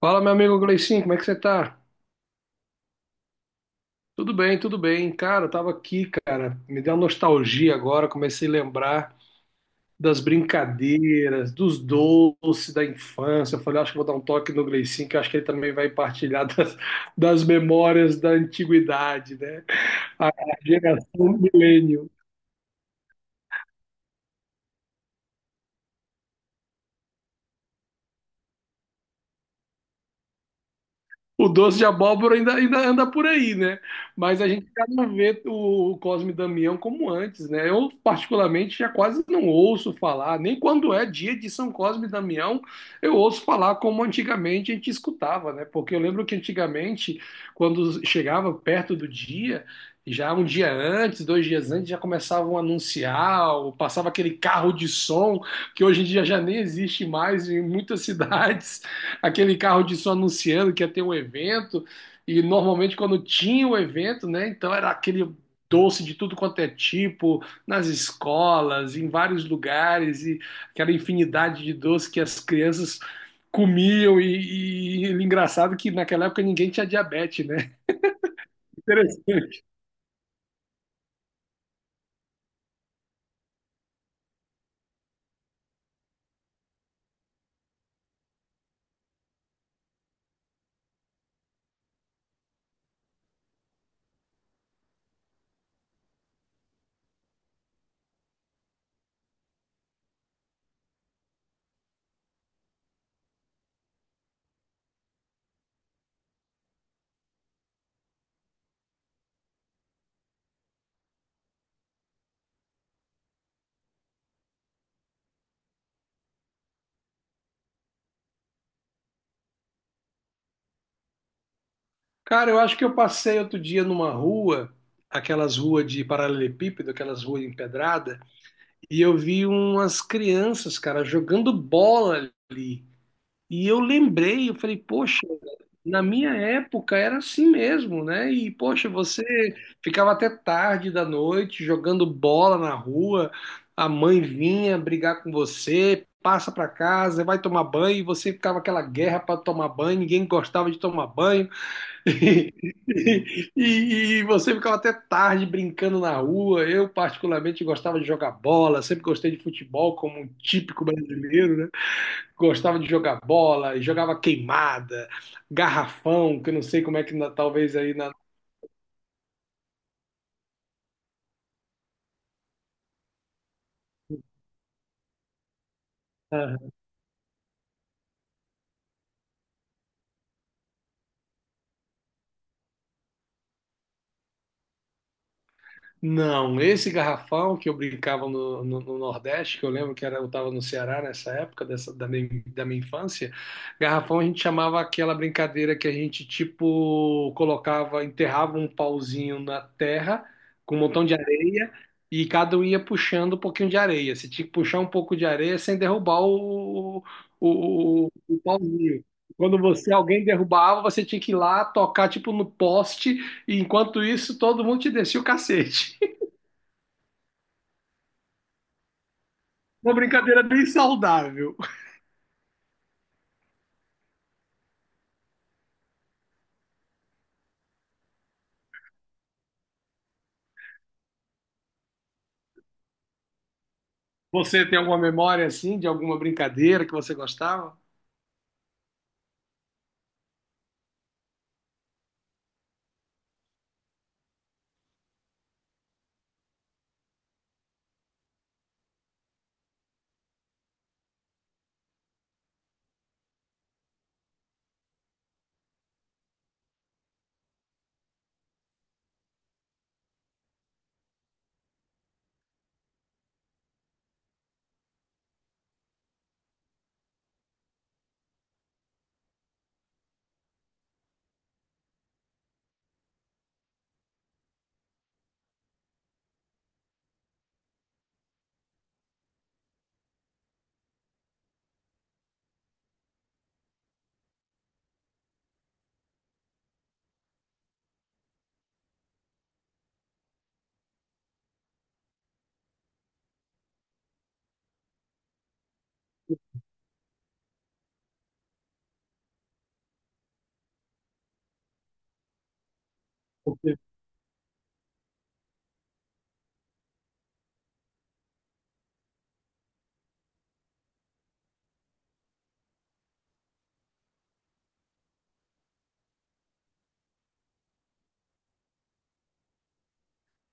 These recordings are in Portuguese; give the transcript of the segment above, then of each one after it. Fala, meu amigo Gleicinho, como é que você tá? Tudo bem, tudo bem. Cara, eu tava aqui, cara, me deu uma nostalgia agora, comecei a lembrar das brincadeiras, dos doces da infância. Eu falei, acho que vou dar um toque no Gleicinho, que eu acho que ele também vai partilhar das memórias da antiguidade, né? A geração milênio. O doce de abóbora ainda, ainda anda por aí, né? Mas a gente já não vê o Cosme e Damião como antes, né? Eu, particularmente, já quase não ouço falar, nem quando é dia de São Cosme e Damião, eu ouço falar como antigamente a gente escutava, né? Porque eu lembro que antigamente, quando chegava perto do dia, já um dia antes, dois dias antes, já começavam a anunciar, ou passava aquele carro de som que hoje em dia já nem existe mais em muitas cidades, aquele carro disso anunciando que ia ter um evento, e normalmente quando tinha o evento, né, então era aquele doce de tudo quanto é tipo, nas escolas, em vários lugares, e aquela infinidade de doce que as crianças comiam, e engraçado que naquela época ninguém tinha diabetes, né? Interessante. Cara, eu acho que eu passei outro dia numa rua, aquelas ruas de paralelepípedo, aquelas ruas empedradas, e eu vi umas crianças, cara, jogando bola ali. E eu lembrei, eu falei, poxa, na minha época era assim mesmo, né? E poxa, você ficava até tarde da noite jogando bola na rua, a mãe vinha brigar com você, passa pra casa, vai tomar banho, e você ficava aquela guerra para tomar banho, ninguém gostava de tomar banho. E, e você ficava até tarde brincando na rua. Eu particularmente gostava de jogar bola, sempre gostei de futebol como um típico brasileiro, né? Gostava de jogar bola, jogava queimada, garrafão, que eu não sei como é que talvez não, esse garrafão que eu brincava no Nordeste, que eu lembro que era, eu estava no Ceará nessa época da minha infância, garrafão a gente chamava aquela brincadeira que a gente tipo colocava, enterrava um pauzinho na terra com um montão de areia e cada um ia puxando um pouquinho de areia. Você tinha que puxar um pouco de areia sem derrubar o pauzinho. Quando você alguém derrubava, você tinha que ir lá tocar tipo no poste e enquanto isso, todo mundo te descia o cacete. Uma brincadeira bem saudável. Você tem alguma memória assim de alguma brincadeira que você gostava? Você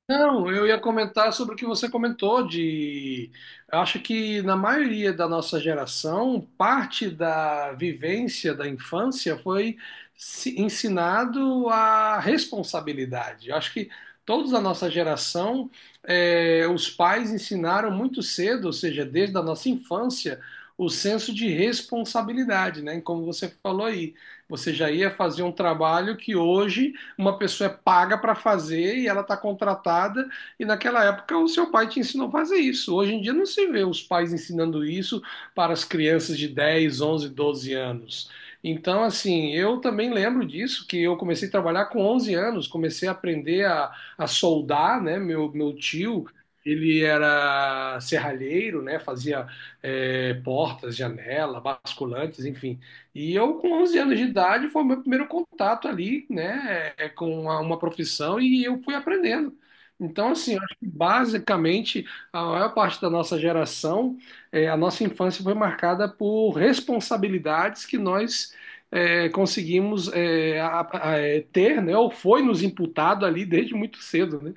Não, eu ia comentar sobre o que você comentou de, eu acho que na maioria da nossa geração, parte da vivência da infância foi ensinado a responsabilidade. Eu acho que todos da nossa geração, os pais ensinaram muito cedo, ou seja, desde a nossa infância, o senso de responsabilidade, né? Como você falou aí, você já ia fazer um trabalho que hoje uma pessoa é paga para fazer e ela está contratada, e naquela época o seu pai te ensinou a fazer isso. Hoje em dia não se vê os pais ensinando isso para as crianças de dez, onze, doze anos. Então, assim, eu também lembro disso, que eu comecei a trabalhar com 11 anos, comecei a aprender a soldar, né? Meu tio, ele era serralheiro, né? Fazia portas, janela, basculantes, enfim. E eu, com 11 anos de idade, foi o meu primeiro contato ali, né, é, com uma profissão e eu fui aprendendo. Então, assim, eu acho que basicamente a maior parte da nossa geração, é, a nossa infância foi marcada por responsabilidades que nós é, conseguimos é, ter, né, ou foi nos imputado ali desde muito cedo, né?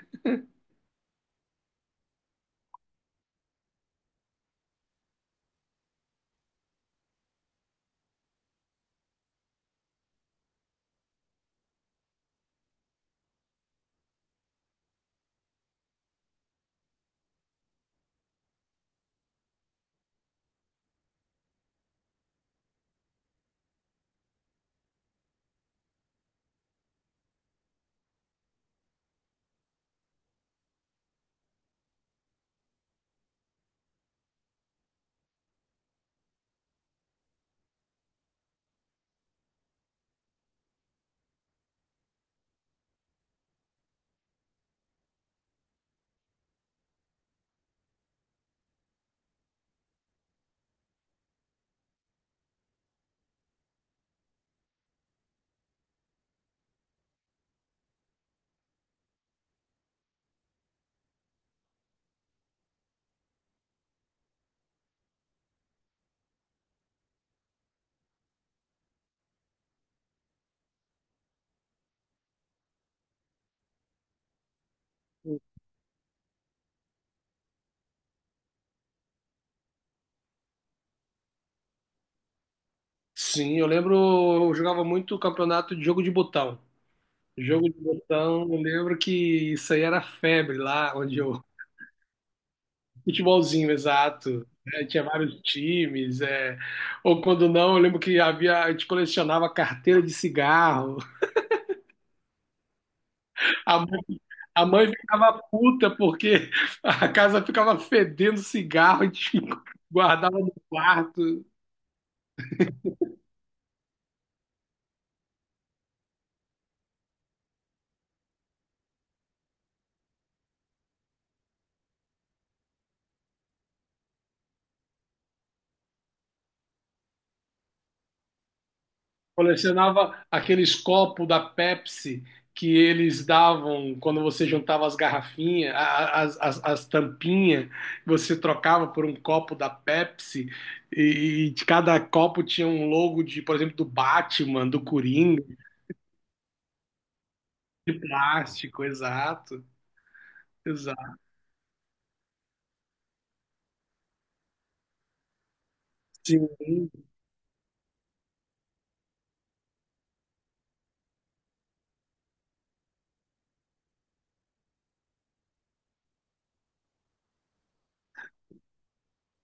Sim, eu lembro, eu jogava muito campeonato de jogo de botão. Jogo de botão, eu lembro que isso aí era febre lá onde eu... Futebolzinho, exato. É, tinha vários times, é. Ou quando não, eu lembro que havia, a gente colecionava carteira de cigarro. A mãe, a mãe ficava puta porque a casa ficava fedendo cigarro, a gente guardava no quarto. Colecionava aqueles copos da Pepsi que eles davam quando você juntava as garrafinhas, as, as tampinhas, você trocava por um copo da Pepsi e de cada copo tinha um logo de, por exemplo, do Batman, do Coringa, de plástico, exato. Sim.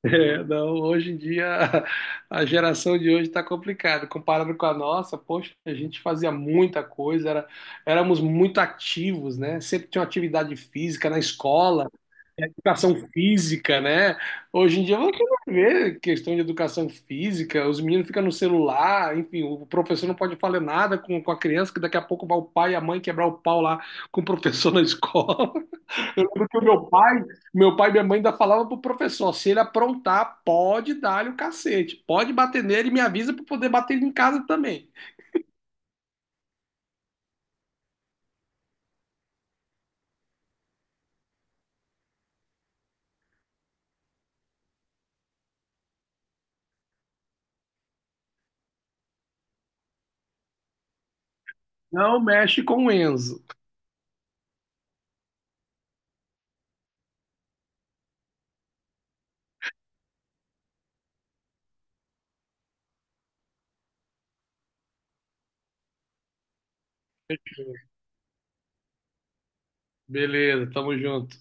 É, não, hoje em dia a geração de hoje está complicada. Comparado com a nossa, poxa, a gente fazia muita coisa, era, éramos muito ativos, né? Sempre tinha uma atividade física na escola, educação física, né? Hoje em dia você não vê questão de educação física, os meninos ficam no celular, enfim, o professor não pode falar nada com a criança, que daqui a pouco vai o pai e a mãe quebrar o pau lá com o professor na escola. Eu lembro que o meu pai e minha mãe ainda falavam pro professor, se ele aprontar, pode dar-lhe o cacete, pode bater nele e me avisa para poder bater ele em casa também. Não mexe com o Enzo. Beleza, tamo junto.